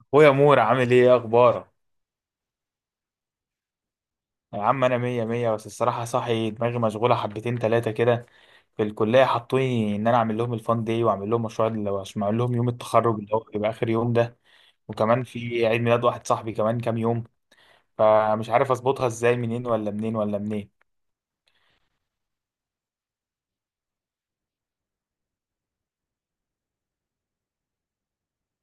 اخويا مور، عامل ايه؟ إيه اخبارك؟ يا عم انا مية مية، بس الصراحة صاحي دماغي مشغولة حبتين تلاتة كده. في الكلية حطوني ان انا اعمل لهم الفان داي، واعمل لهم مشروع عشان اعمل لهم يوم التخرج اللي هو بيبقى اخر يوم ده. وكمان في عيد ميلاد واحد صاحبي كمان كام يوم، فمش عارف اظبطها ازاي، منين ولا منين ولا منين.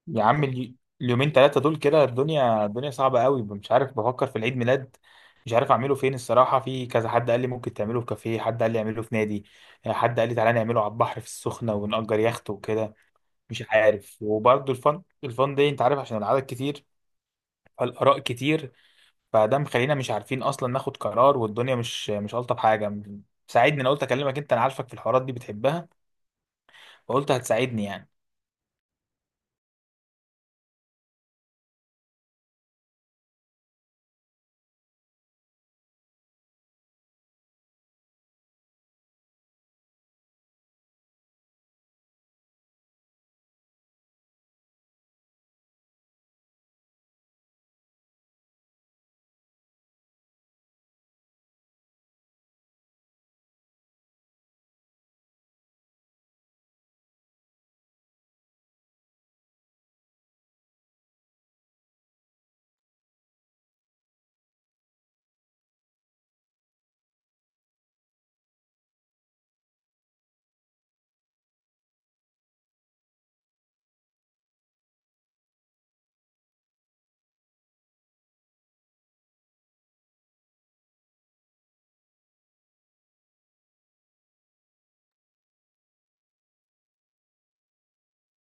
يا عم الي- اليومين ثلاثة دول كده الدنيا صعبة قوي، مش عارف. بفكر في العيد ميلاد، مش عارف اعمله فين الصراحة. في كذا حد قال لي ممكن تعمله في كافيه، حد قال لي اعمله في نادي، حد قال لي تعالى نعمله على البحر في السخنة ونأجر يخت وكده، مش عارف. وبرضه الفن دي انت عارف، عشان العدد كتير، فالآراء كتير، فده مخلينا مش عارفين اصلا ناخد قرار، والدنيا مش ألطف حاجة. ساعدني، انا قلت اكلمك انت، انا عارفك في الحوارات دي بتحبها، فقلت هتساعدني يعني.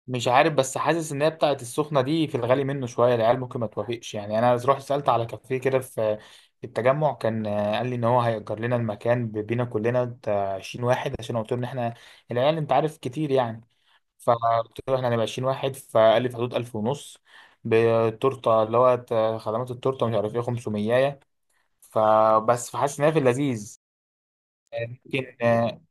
مش عارف، بس حاسس ان هي بتاعت السخنه دي في الغالي منه شويه، العيال ممكن ما توافقش يعني. انا رحت سالت على كافيه كده في التجمع، كان، قال لي ان هو هيأجر لنا المكان بينا كلنا بتاع 20 واحد، عشان قلت له ان احنا العيال انت عارف كتير يعني. فقلت له احنا هنبقى 20 واحد، فقال لي في حدود 1000 ونص بالتورته، اللي هو خدمات التورته مش عارف ايه 500، فبس. فحاسس ان هي في اللذيذ. آه، ممكن. آه.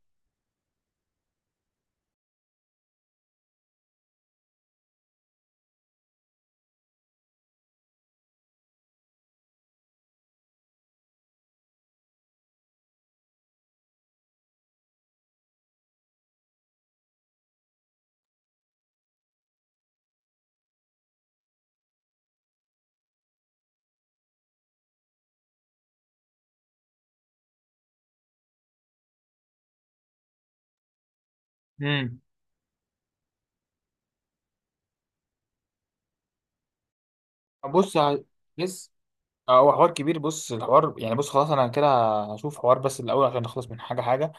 مم. بص، لسه. اه، هو حوار كبير. بص الحوار يعني، بص خلاص انا كده هشوف حوار، بس الاول عشان نخلص من حاجه حاجه.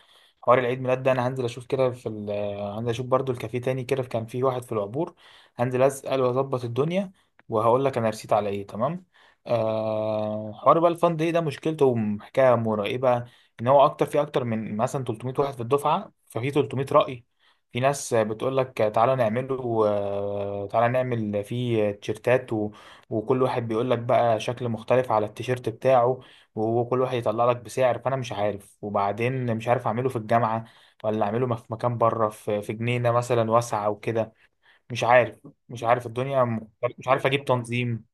حوار العيد ميلاد ده انا هنزل اشوف كده في ال... آه، هنزل اشوف برضو الكافيه تاني كده، كان فيه واحد في العبور. هنزل اسال واظبط الدنيا، وهقول لك انا رسيت على ايه، تمام. آه، حوار بقى الفان داي ده مشكلته حكايه مرعبه. ان هو اكتر، في اكتر من مثلا 300 واحد في الدفعه، ففي 300 راي. في ناس بتقول لك تعالى نعمله، تعالى نعمل فيه تيشيرتات، وكل واحد بيقول لك بقى شكل مختلف على التيشيرت بتاعه، وكل واحد يطلع لك بسعر. فانا مش عارف، وبعدين مش عارف اعمله في الجامعة ولا اعمله في مكان بره، في جنينة مثلا واسعة وكده. مش عارف، مش عارف الدنيا مختلف. مش عارف اجيب تنظيم.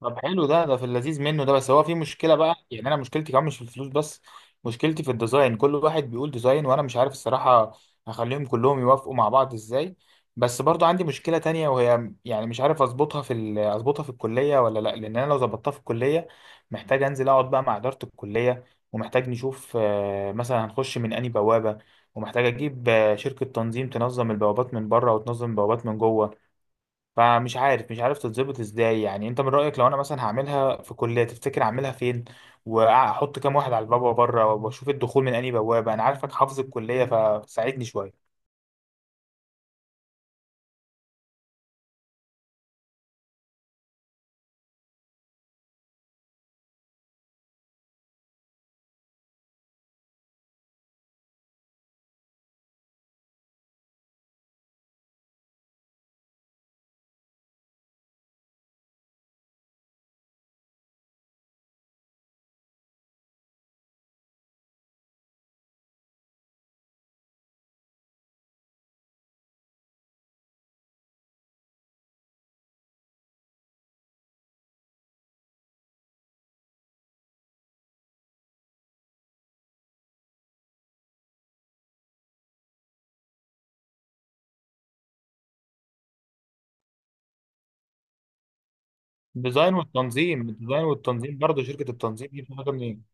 طب حلو ده، ده في اللذيذ منه ده، بس هو في مشكلة بقى يعني. أنا مشكلتي كمان مش في الفلوس بس، مشكلتي في الديزاين. كل واحد بيقول ديزاين، وأنا مش عارف الصراحة هخليهم كلهم يوافقوا مع بعض إزاي. بس برضو عندي مشكلة تانية، وهي يعني مش عارف أظبطها أظبطها في الكلية ولا لأ، لأن أنا لو ظبطتها في الكلية، محتاج أنزل أقعد بقى مع إدارة الكلية، ومحتاج نشوف مثلا هنخش من أنهي بوابة، ومحتاج أجيب شركة تنظيم تنظم البوابات من بره وتنظم البوابات من جوه. فمش عارف، مش عارف تتظبط ازاي يعني. انت من رأيك لو انا مثلا هعملها في كلية، تفتكر اعملها فين؟ واحط كام واحد على البابا بره، واشوف الدخول من انهي بوابة. انا عارفك حافظ الكلية، فساعدني شوية. الديزاين والتنظيم، الديزاين والتنظيم برضه. شركة التنظيم دي بتاخد منين؟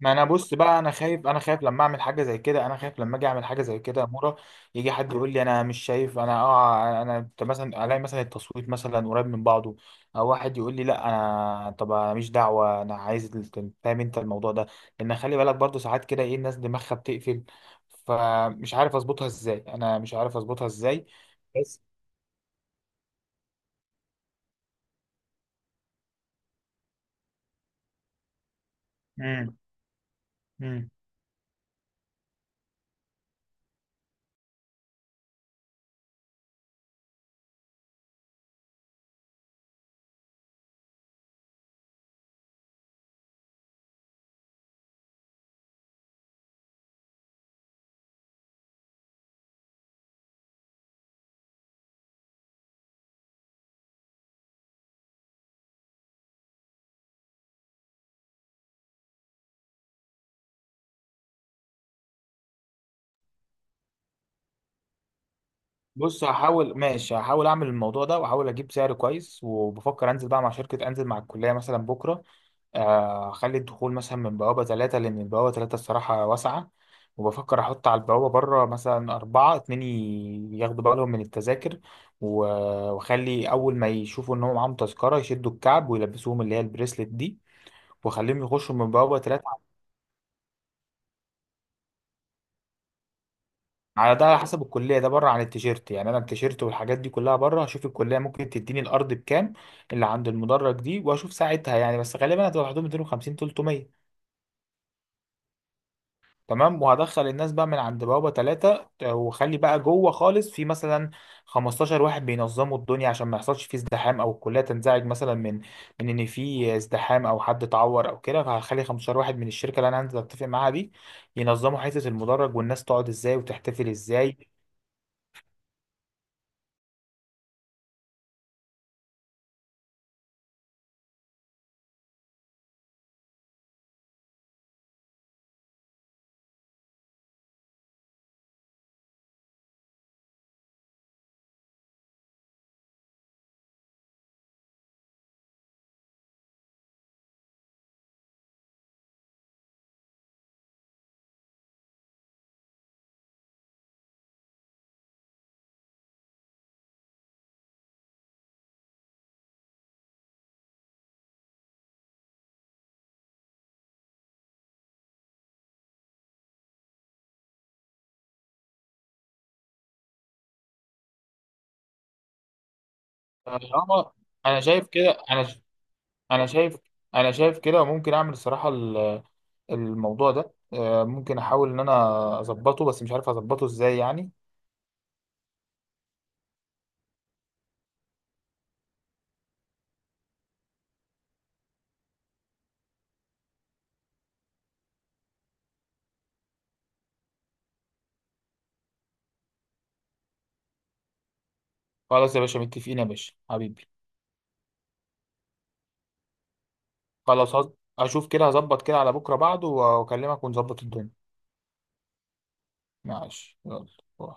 ما انا بص بقى، انا خايف. انا خايف لما اعمل حاجه زي كده، انا خايف لما اجي اعمل حاجه زي كده يا مورا، يجي حد يقول لي انا مش شايف. انا أنت مثلا الاقي مثلا التصويت مثلا قريب من بعضه، او واحد يقول لي لا انا. طب أنا ماليش دعوه، انا عايز فاهم انت الموضوع ده، لان خلي بالك برضه ساعات كده ايه الناس دماغها بتقفل. فمش عارف اظبطها ازاي، انا مش عارف اظبطها ازاي. بس. امم امم بص هحاول. ماشي، هحاول اعمل الموضوع ده واحاول اجيب سعر كويس، وبفكر انزل بقى مع شركه، انزل مع الكليه مثلا بكره. اخلي الدخول مثلا من بوابة ثلاثة، لأن البوابة ثلاثة الصراحة واسعة. وبفكر أحط على البوابة بره مثلا أربعة اتنين، ياخدوا بالهم من التذاكر، و- وأخلي أول ما يشوفوا إن هو معاهم تذكرة يشدوا الكعب ويلبسوهم اللي هي البريسلت دي، وأخليهم يخشوا من بوابة ثلاثة. على ده، على حسب الكلية. ده بره عن التيشيرت يعني، أنا التيشيرت والحاجات دي كلها بره. هشوف الكلية ممكن تديني الأرض بكام اللي عند المدرج دي، وأشوف ساعتها يعني. بس غالبا هتبقى حدود 250 300. تمام، وهدخل الناس بقى من عند بوابة ثلاثة، وخلي بقى جوه خالص في مثلا 15 واحد بينظموا الدنيا، عشان ما يحصلش فيه ازدحام او الكلية تنزعج مثلا من ان في ازدحام او حد اتعور او كده. فهخلي 15 واحد من الشركة اللي انا هنزل اتفق معاها دي، ينظموا حتة المدرج والناس تقعد ازاي وتحتفل ازاي. طالما انا شايف كده. انا شايف انا شايف كده. وممكن اعمل الصراحة الموضوع ده، ممكن احاول ان انا اظبطه، بس مش عارف اظبطه ازاي يعني. خلاص يا باشا، متفقين يا باشا حبيبي. خلاص اشوف كده، هظبط كده على بكره بعده واكلمك ونظبط الدنيا. ماشي، يلا. باي.